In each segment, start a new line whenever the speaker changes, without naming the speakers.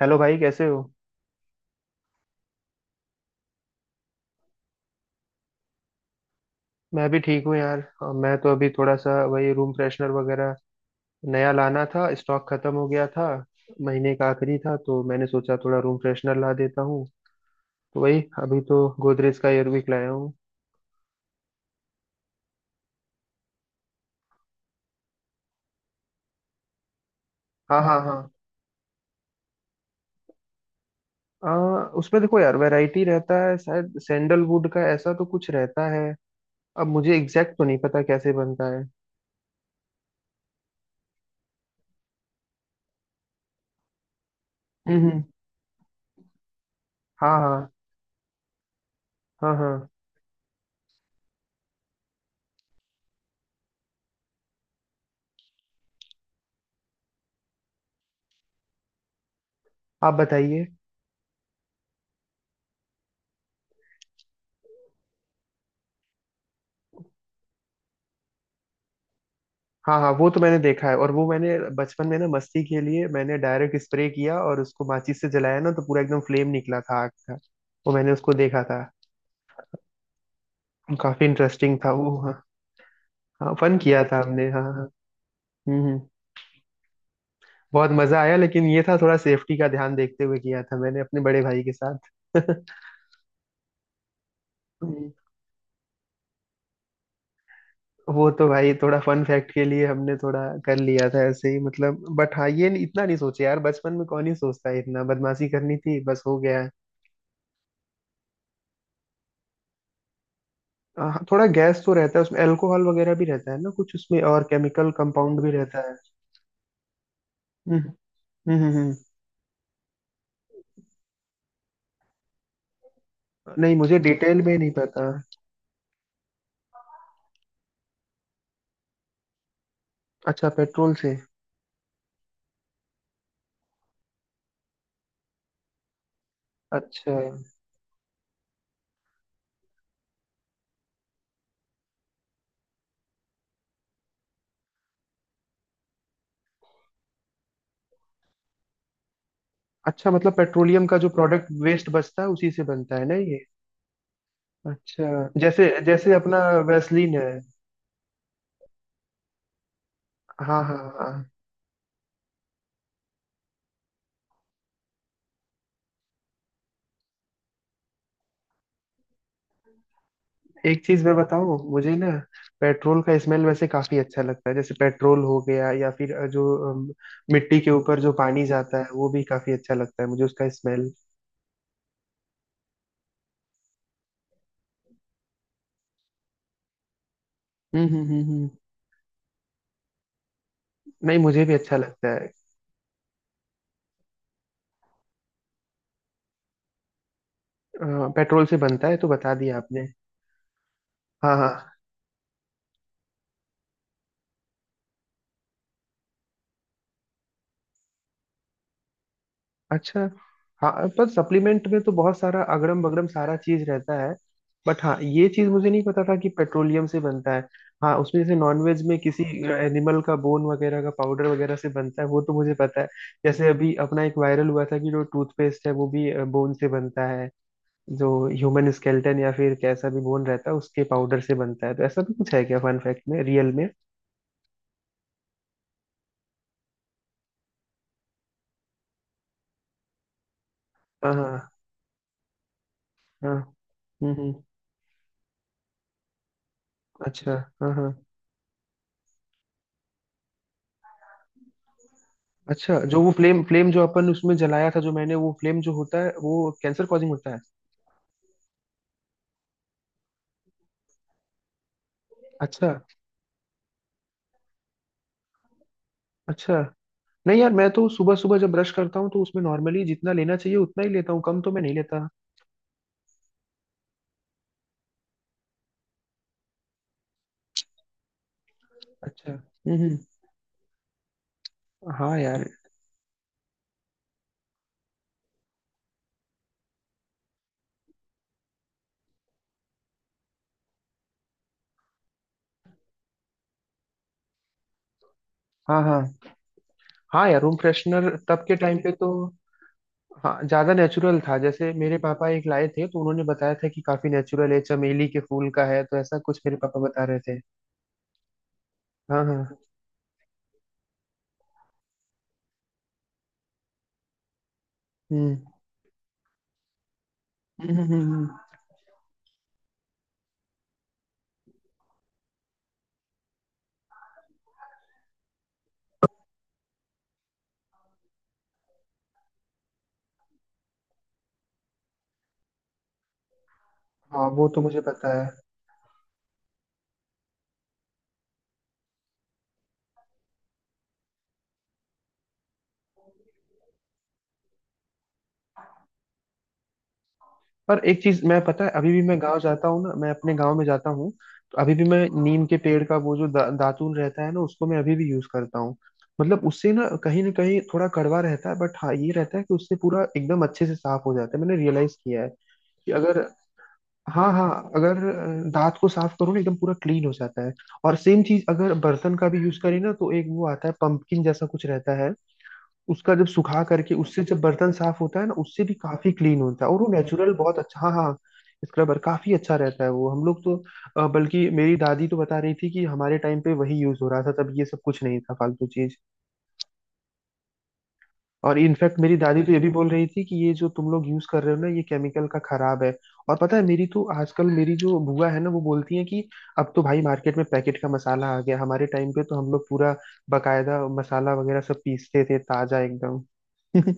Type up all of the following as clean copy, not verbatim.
Hello भाई, कैसे हो। मैं भी ठीक हूँ यार। मैं तो अभी थोड़ा सा वही रूम फ्रेशनर वगैरह नया लाना था, स्टॉक खत्म हो गया था। महीने का आखिरी था तो मैंने सोचा थोड़ा रूम फ्रेशनर ला देता हूँ, तो वही अभी तो गोदरेज का एयरविक लाया हूँ। हाँ हाँ हाँ। उसमें देखो यार, वैरायटी रहता है। शायद सैंडलवुड का ऐसा तो कुछ रहता है। अब मुझे एग्जैक्ट तो नहीं पता कैसे बनता है। हम्म हम्म। हाँ हाँ हाँ। हाँ, आप बताइए। हाँ हाँ, वो तो मैंने देखा है। और वो मैंने बचपन में ना मस्ती के लिए मैंने डायरेक्ट स्प्रे किया और उसको माचिस से जलाया ना, तो पूरा एकदम फ्लेम निकला था आग का। वो मैंने उसको देखा था। काफी इंटरेस्टिंग था वो, हाँ। हाँ, फन किया था हमने, हाँ हाँ। हम्म हम्म। बहुत मजा आया, लेकिन ये था थोड़ा सेफ्टी का ध्यान देखते हुए किया था मैंने, अपने बड़े भाई के साथ। हम्म, वो तो भाई थोड़ा फन फैक्ट के लिए हमने थोड़ा कर लिया था ऐसे ही। मतलब बट हाँ, ये नहीं- इतना नहीं सोचे यार, बचपन में कौन ही सोचता है इतना। बदमाशी करनी थी, बस हो गया। हाँ, थोड़ा गैस तो रहता है उसमें, अल्कोहल वगैरह भी रहता है ना कुछ उसमें, और केमिकल कंपाउंड भी रहता है। हम्म हम्म हम्म हम्म। नहीं, मुझे डिटेल में नहीं पता। अच्छा, पेट्रोल से। अच्छा, अच्छा मतलब पेट्रोलियम का जो प्रोडक्ट वेस्ट बचता है उसी से बनता है ना ये। अच्छा, जैसे जैसे अपना वैसलीन है। हाँ हाँ हाँ। एक चीज मैं बताऊँ, मुझे ना पेट्रोल का स्मेल वैसे काफी अच्छा लगता है। जैसे पेट्रोल हो गया, या फिर जो अम, मिट्टी के ऊपर जो पानी जाता है वो भी काफी अच्छा लगता है मुझे उसका स्मेल। हम्म हम्म हम्म हम्म। नहीं, मुझे भी अच्छा लगता है। अ, पेट्रोल से बनता है तो बता दिया आपने। हाँ हाँ। अच्छा। हाँ, पर सप्लीमेंट में तो बहुत सारा अगड़म बगड़म सारा चीज रहता है। बट हाँ, ये चीज मुझे नहीं पता था कि पेट्रोलियम से बनता है। हाँ, उसमें जैसे नॉनवेज में किसी एनिमल का बोन वगैरह का पाउडर वगैरह से बनता है वो तो मुझे पता है। जैसे अभी अपना एक वायरल हुआ था कि जो टूथपेस्ट है वो भी बोन से बनता है। जो ह्यूमन स्केलेटन या फिर कैसा भी बोन रहता है उसके पाउडर से बनता है, तो ऐसा भी कुछ है क्या फन फैक्ट में, रियल में। हाँ हाँ हाँ। हम्म हम्म, अच्छा। हाँ हाँ। अच्छा, जो वो फ्लेम फ्लेम जो अपन उसमें जलाया था, जो मैंने, वो फ्लेम जो होता है वो कैंसर कॉजिंग होता है। अच्छा। अच्छा, नहीं यार, मैं तो सुबह सुबह जब ब्रश करता हूँ तो उसमें नॉर्मली जितना लेना चाहिए उतना ही लेता हूँ, कम तो मैं नहीं लेता। अच्छा। हाँ यार। हाँ हाँ। हाँ यार, रूम फ्रेशनर तब के टाइम पे तो हाँ, ज्यादा नेचुरल था। जैसे मेरे पापा एक लाए थे तो उन्होंने बताया था कि काफी नेचुरल है, चमेली के फूल का है, तो ऐसा कुछ मेरे पापा बता रहे थे। हाँ हाँ। हम्म हम्म हम्म, हम्म, हाँ, वो तो मुझे पता है। पर एक चीज, मैं पता है अभी भी मैं गांव जाता हूँ ना, मैं अपने गांव में जाता हूँ, तो अभी भी मैं नीम के पेड़ का वो जो दातून रहता है ना उसको मैं अभी भी यूज करता हूँ। मतलब उससे ना कहीं थोड़ा कड़वा रहता है, बट हाँ ये रहता है कि उससे पूरा एकदम अच्छे से साफ हो जाता है, मैंने रियलाइज किया है कि अगर, हाँ हाँ, अगर दांत को साफ करो ना एकदम पूरा क्लीन हो जाता है। और सेम चीज अगर बर्तन का भी यूज करें ना तो एक वो आता है, पंपकिन जैसा कुछ रहता है, उसका जब सुखा करके उससे जब बर्तन साफ होता है ना उससे भी काफी क्लीन होता है, और वो नेचुरल, बहुत अच्छा, हाँ हाँ। स्क्रबर काफी अच्छा रहता है वो, हम लोग तो बल्कि मेरी दादी तो बता रही थी कि हमारे टाइम पे वही यूज हो रहा था, तब ये सब कुछ नहीं था, फालतू चीज। और इनफैक्ट मेरी दादी तो ये भी बोल रही थी कि ये जो तुम लोग यूज कर रहे हो ना, ये केमिकल का खराब है। और पता है मेरी तो आजकल मेरी जो बुआ है ना वो बोलती है कि अब तो भाई मार्केट में पैकेट का मसाला आ गया। हमारे टाइम पे तो हम लोग पूरा बकायदा मसाला वगैरह सब पीसते थे, ताजा एकदम।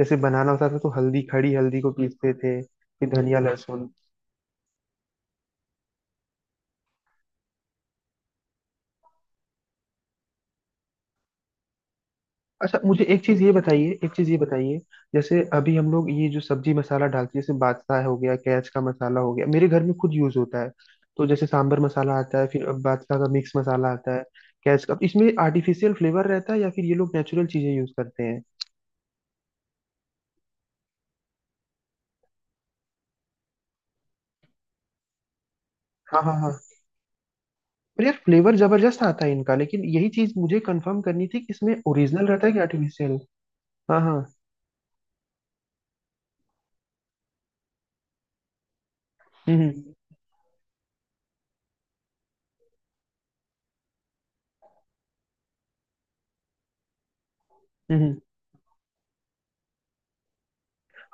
जैसे बनाना होता था तो हल्दी, खड़ी हल्दी को पीसते थे, फिर धनिया, लहसुन। अच्छा, मुझे एक चीज ये बताइए, एक चीज ये बताइए। जैसे अभी हम लोग ये जो सब्जी मसाला डालते हैं, जैसे बादशाह हो गया, कैच का मसाला हो गया, मेरे घर में खुद यूज होता है। तो जैसे सांबर मसाला आता है, फिर बादशाह का मिक्स मसाला आता है, कैच का। अब इसमें आर्टिफिशियल फ्लेवर रहता है या फिर ये लोग नेचुरल चीजें यूज करते हैं। हाँ हाँ हाँ। पर यार फ्लेवर जबरदस्त आता है इनका, लेकिन यही चीज मुझे कंफर्म करनी थी कि इसमें ओरिजिनल रहता है कि आर्टिफिशियल। हाँ हाँ। हम्म हम्म हम्म, हम्म।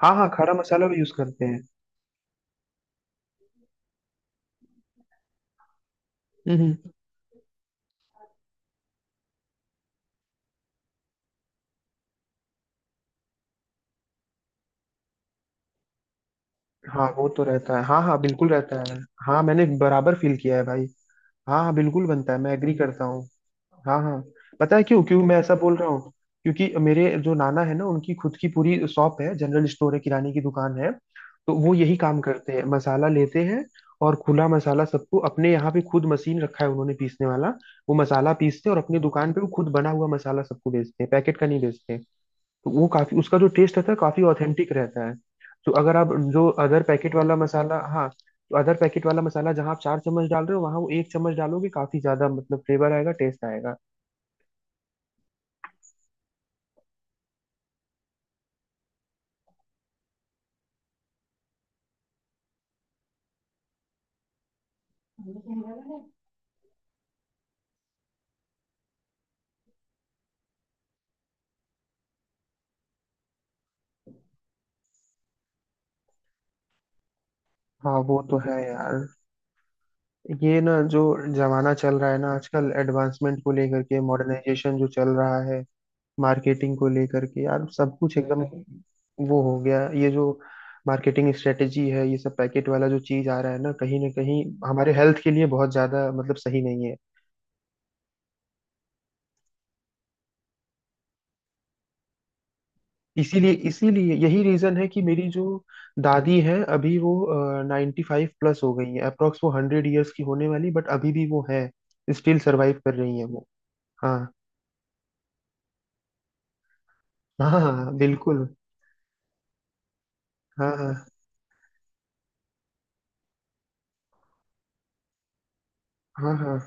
हाँ हाँ, खड़ा मसाला भी यूज करते हैं। हम्म हम्म। हाँ, वो तो रहता है, हाँ हाँ, बिल्कुल रहता है। हाँ, मैंने बराबर फील किया है भाई। हाँ हाँ, बिल्कुल बनता है, मैं एग्री करता हूँ। हाँ हाँ। पता है क्यों, क्यों मैं ऐसा बोल रहा हूँ, क्योंकि मेरे जो नाना है ना उनकी खुद की पूरी शॉप है, जनरल स्टोर है, किराने की दुकान है, तो वो यही काम करते हैं, मसाला लेते हैं। और खुला मसाला सबको, अपने यहाँ पे खुद मशीन रखा है उन्होंने पीसने वाला, वो मसाला पीसते हैं और अपनी दुकान पे वो खुद बना हुआ मसाला सबको बेचते हैं, पैकेट का नहीं बेचते। तो वो काफी, उसका जो टेस्ट रहता है काफी ऑथेंटिक रहता है। तो अगर आप जो अदर पैकेट वाला मसाला, हाँ, तो अदर पैकेट वाला मसाला जहाँ आप चार चम्मच डाल रहे हो, वहाँ वो एक चम्मच डालोगे काफी ज्यादा मतलब फ्लेवर आएगा, टेस्ट आएगा। हाँ, वो तो है यार। ये ना जो जमाना चल रहा है ना आजकल, एडवांसमेंट को लेकर के, मॉडर्नाइजेशन जो चल रहा है, मार्केटिंग को लेकर के यार, सब कुछ एकदम वो हो गया है। ये जो मार्केटिंग स्ट्रेटेजी है, ये सब पैकेट वाला जो चीज आ रहा है ना, कहीं ना कहीं हमारे हेल्थ के लिए बहुत ज्यादा मतलब सही नहीं है। इसीलिए इसीलिए यही रीजन है कि मेरी जो दादी है अभी, वो 95 प्लस हो गई है अप्रोक्स, वो 100 ईयर्स की होने वाली, बट अभी भी वो है, स्टिल सरवाइव कर रही है वो। हाँ हाँ हाँ बिल्कुल। हाँ हाँ हाँ। हाँ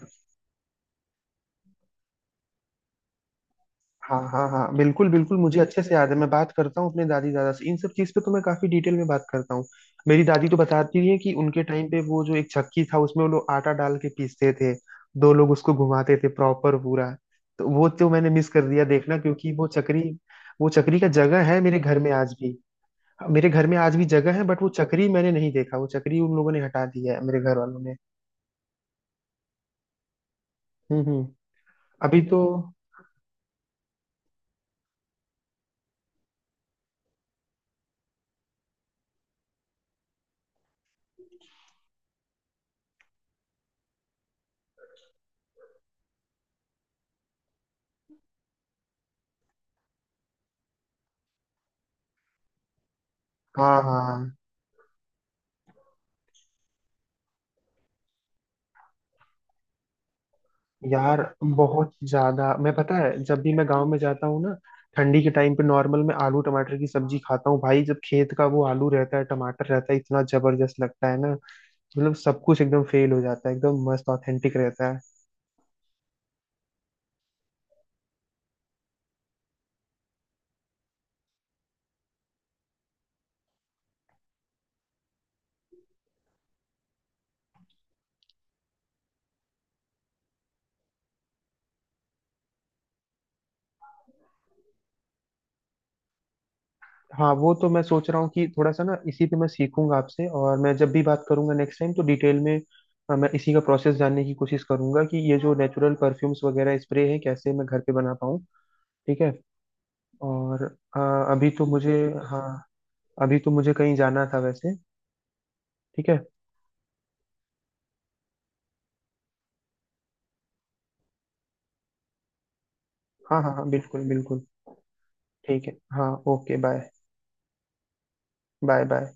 हाँ। हाँ हाँ बिल्कुल बिल्कुल, मुझे अच्छे से याद है। मैं बात करता हूँ अपने दादी दादा से इन सब चीज़ पे, तो मैं काफी डिटेल में बात करता हूँ। मेरी दादी तो बताती है कि उनके टाइम पे वो जो एक चक्की था, उसमें वो लोग आटा डाल के पीसते थे, दो लोग उसको घुमाते थे प्रॉपर पूरा। तो वो तो मैंने मिस कर दिया देखना, क्योंकि वो चक्री, वो चक्री का जगह है मेरे घर में आज भी, मेरे घर में आज भी जगह है, बट वो चक्री मैंने नहीं देखा, वो चक्री उन लोगों ने हटा दिया है मेरे घर वालों ने। हम्म। अभी तो, हाँ हाँ हाँ। यार बहुत ज्यादा, मैं पता है जब भी मैं गांव में जाता हूँ ना, ठंडी के टाइम पे नॉर्मल मैं आलू टमाटर की सब्जी खाता हूँ भाई, जब खेत का वो आलू रहता है, टमाटर रहता है, इतना जबरदस्त लगता है ना, मतलब सब कुछ एकदम फेल हो जाता है, एकदम मस्त ऑथेंटिक रहता है। हाँ, वो तो मैं सोच रहा हूँ कि थोड़ा सा ना इसी पे मैं सीखूंगा आपसे, और मैं जब भी बात करूंगा नेक्स्ट टाइम तो डिटेल में मैं इसी का प्रोसेस जानने की कोशिश करूंगा कि ये जो नेचुरल परफ्यूम्स वगैरह स्प्रे है कैसे मैं घर पे बना पाऊँ। ठीक है। और अ, अभी तो मुझे हाँ, अभी तो मुझे कहीं जाना था वैसे। ठीक है। हाँ हाँ हाँ बिल्कुल बिल्कुल। ठीक है हाँ, ओके, बाय। Bye bye.